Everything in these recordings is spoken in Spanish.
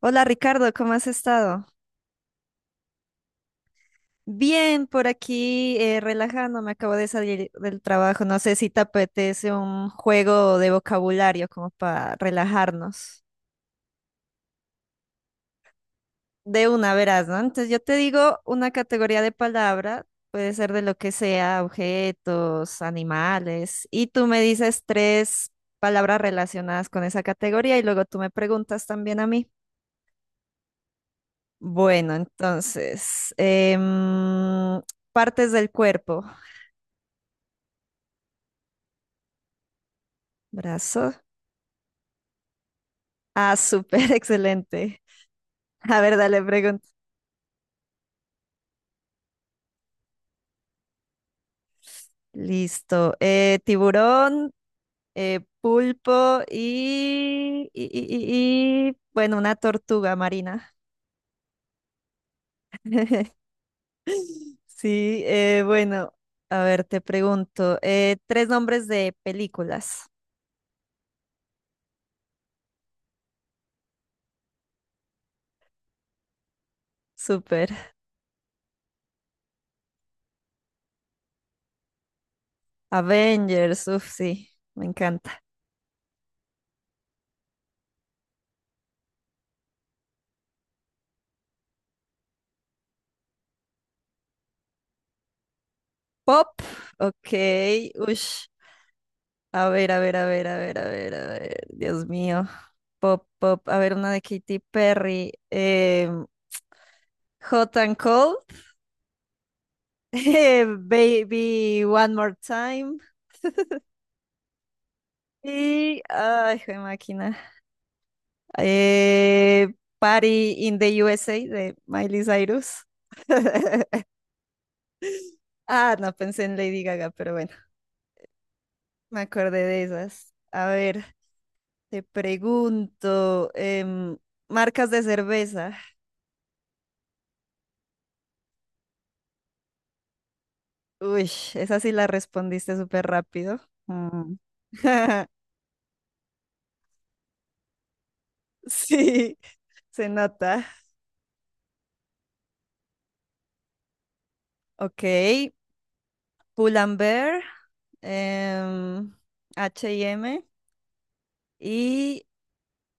Hola Ricardo, ¿cómo has estado? Bien, por aquí relajándome, acabo de salir del trabajo. No sé si te apetece un juego de vocabulario como para relajarnos. De una, verás, ¿no? Entonces yo te digo una categoría de palabra, puede ser de lo que sea, objetos, animales, y tú me dices tres palabras relacionadas con esa categoría y luego tú me preguntas también a mí. Bueno, entonces, partes del cuerpo. Brazo. Ah, súper excelente. A ver, dale, pregunta. Listo. Tiburón, pulpo y bueno, una tortuga marina. Sí, bueno, a ver, te pregunto. Tres nombres de películas. Súper. Avengers, uff, sí, me encanta. Pop, ok, uff. A ver, a ver, a ver, a ver, a ver, a ver. Dios mío. Pop, pop. A ver, una de Katy Perry. Hot and Cold. Baby One More Time. Y. Ay, jue máquina. Eh, Party in the USA de Miley Cyrus. Ah, no pensé en Lady Gaga, pero bueno, me acordé de esas. A ver, te pregunto, marcas de cerveza. Uy, esa sí la respondiste súper rápido. Ah. Sí, se nota. Ok, Pull&Bear, em, H&M y... M y,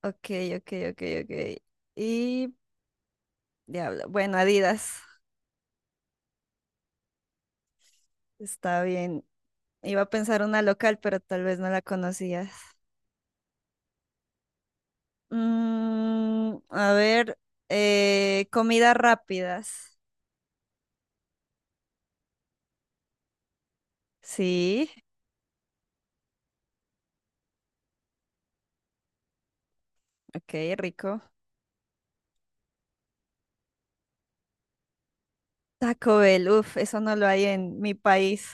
ok, ok. Y... Diablo. Bueno, Adidas. Está bien. Iba a pensar una local, pero tal vez no la conocías. Mm, a ver, comidas rápidas. Sí, ok, rico. Taco Bell, uff, eso no lo hay en mi país.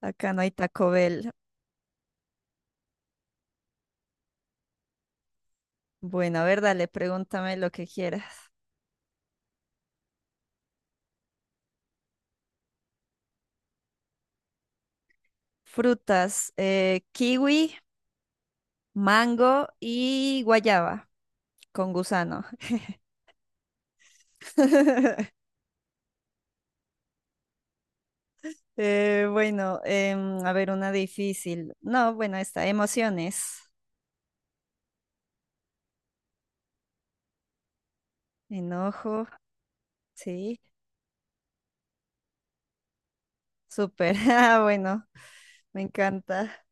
Acá no hay Taco Bell. Bueno, a ver, dale, pregúntame lo que quieras. Frutas, kiwi, mango y guayaba con gusano. Bueno, a ver, una difícil. No, bueno, está, emociones. Enojo, sí, súper. Ah, bueno, me encanta.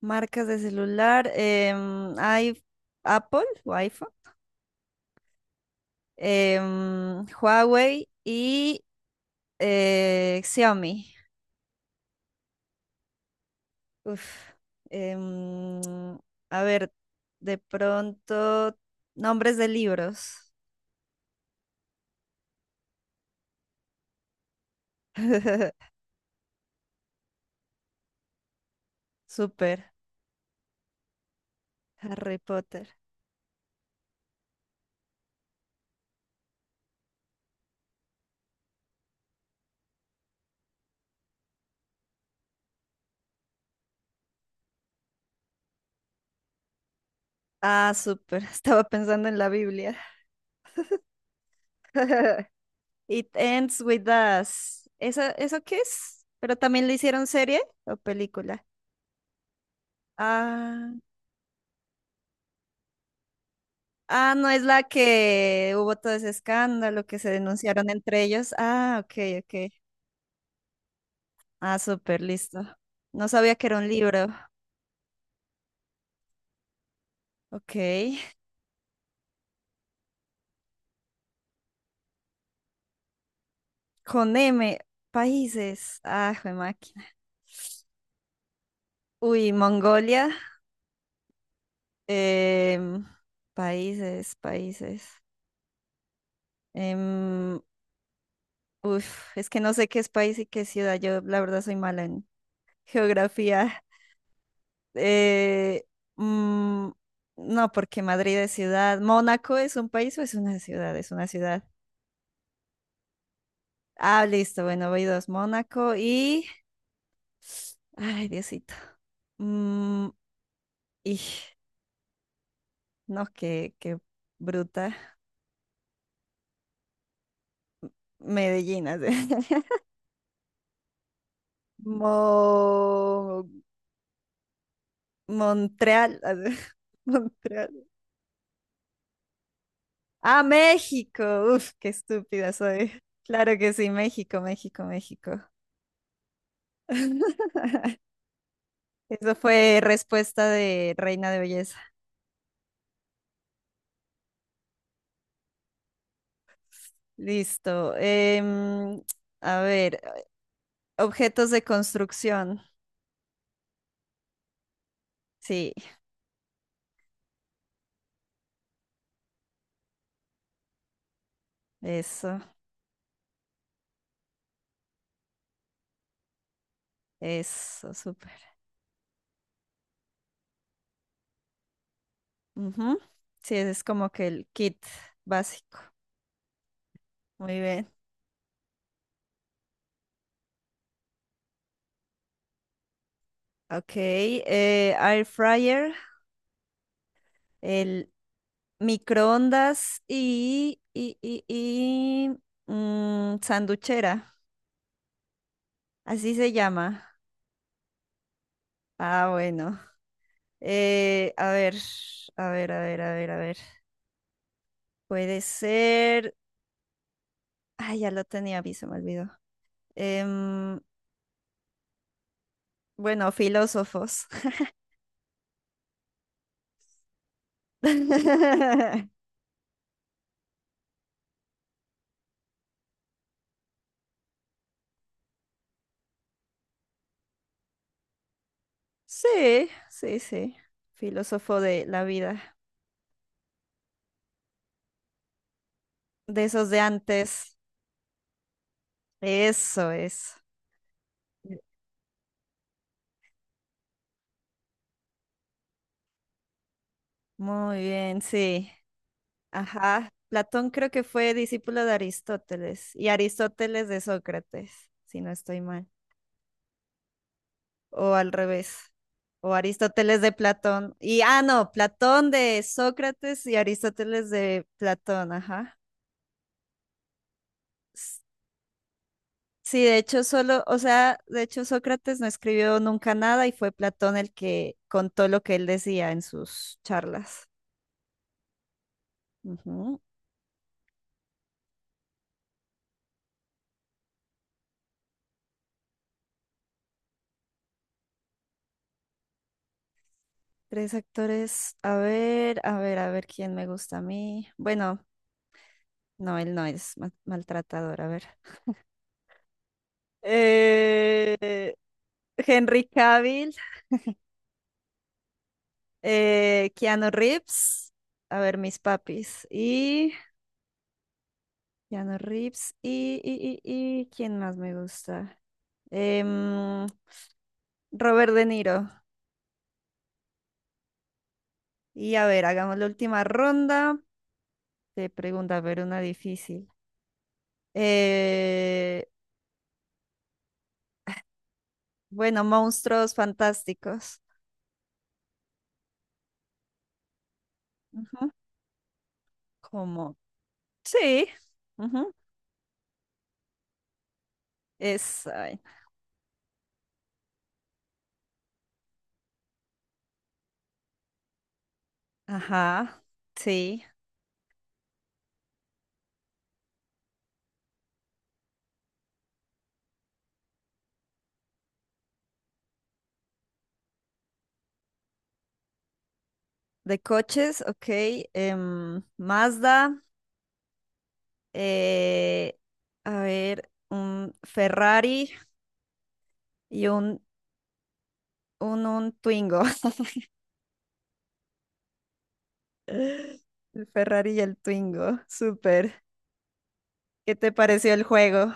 Marcas de celular, hay Apple o iPhone. Huawei y Xiaomi. Uf, em, a ver, de pronto, nombres de libros. Súper. Harry Potter. Ah, súper. Estaba pensando en la Biblia. It Ends With Us. ¿Eso, eso qué es? ¿Pero también le hicieron serie o película? Ah, ah, no es la que hubo todo ese escándalo que se denunciaron entre ellos. Ah, ok, ok. Ah, súper, listo. No sabía que era un libro. Ok. Con M, países. Ah, jue máquina. Uy, Mongolia. Em, países, países. Em, uf, es que no sé qué es país y qué es ciudad. Yo, la verdad, soy mala en geografía. Eh, mm, no, porque Madrid es ciudad. ¿Mónaco es un país o es una ciudad? Es una ciudad. Ah, listo. Bueno, voy dos. Mónaco y. Ay, Diosito. Mm, y no, qué bruta. Medellín, así. Mo- Montreal, así. Montreal. Ah, México. Uf, qué estúpida soy. Claro que sí, México, México, México. Eso fue respuesta de Reina de Belleza. Listo. Em, a ver, objetos de construcción. Sí, eso, eso, súper. Ujú. Sí, ese es como que el kit básico. Muy bien. Ok, air fryer, el microondas y mm, sanduchera. Así se llama. Ah, bueno. A ver, a ver, a ver, a ver, a ver. Puede ser. Ay, ya lo tenía, a se me olvidó. Em, bueno, filósofos. Sí, sí, sí. Filósofo de la vida, de esos de antes. Eso es. Muy bien, sí. Ajá. Platón creo que fue discípulo de Aristóteles y Aristóteles de Sócrates, si no estoy mal. O al revés. O Aristóteles de Platón. Y, ah, no, Platón de Sócrates y Aristóteles de Platón, ajá. Sí, de hecho solo, o sea, de hecho Sócrates no escribió nunca nada y fue Platón el que contó lo que él decía en sus charlas. Ujú. Tres actores, a ver, a ver, a ver quién me gusta a mí. Bueno, no, él no es ma- maltratador, a ver. Eh, Henry Cavill, Keanu Reeves, a ver, mis papis, y Keanu Reeves, y ¿quién más me gusta? Em, Robert De Niro. Y a ver, hagamos la última ronda. De preguntas a ver, una difícil. Eh, bueno, monstruos fantásticos. Ujú. Como, sí. Ujú. Es, ay, ajá, sí. De coches, ok. Mazda, eh, a ver, un Ferrari y un Twingo. El Ferrari y el Twingo, súper. ¿Qué te pareció el juego?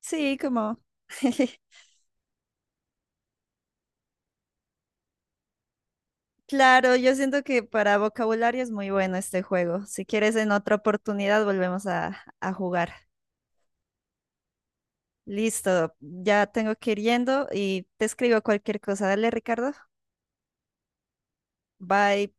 Sí, como. Claro, yo siento que para vocabulario es muy bueno este juego. Si quieres, en otra oportunidad volvemos a jugar. Listo, ya tengo que ir yendo y te escribo cualquier cosa. Dale, Ricardo. Bye.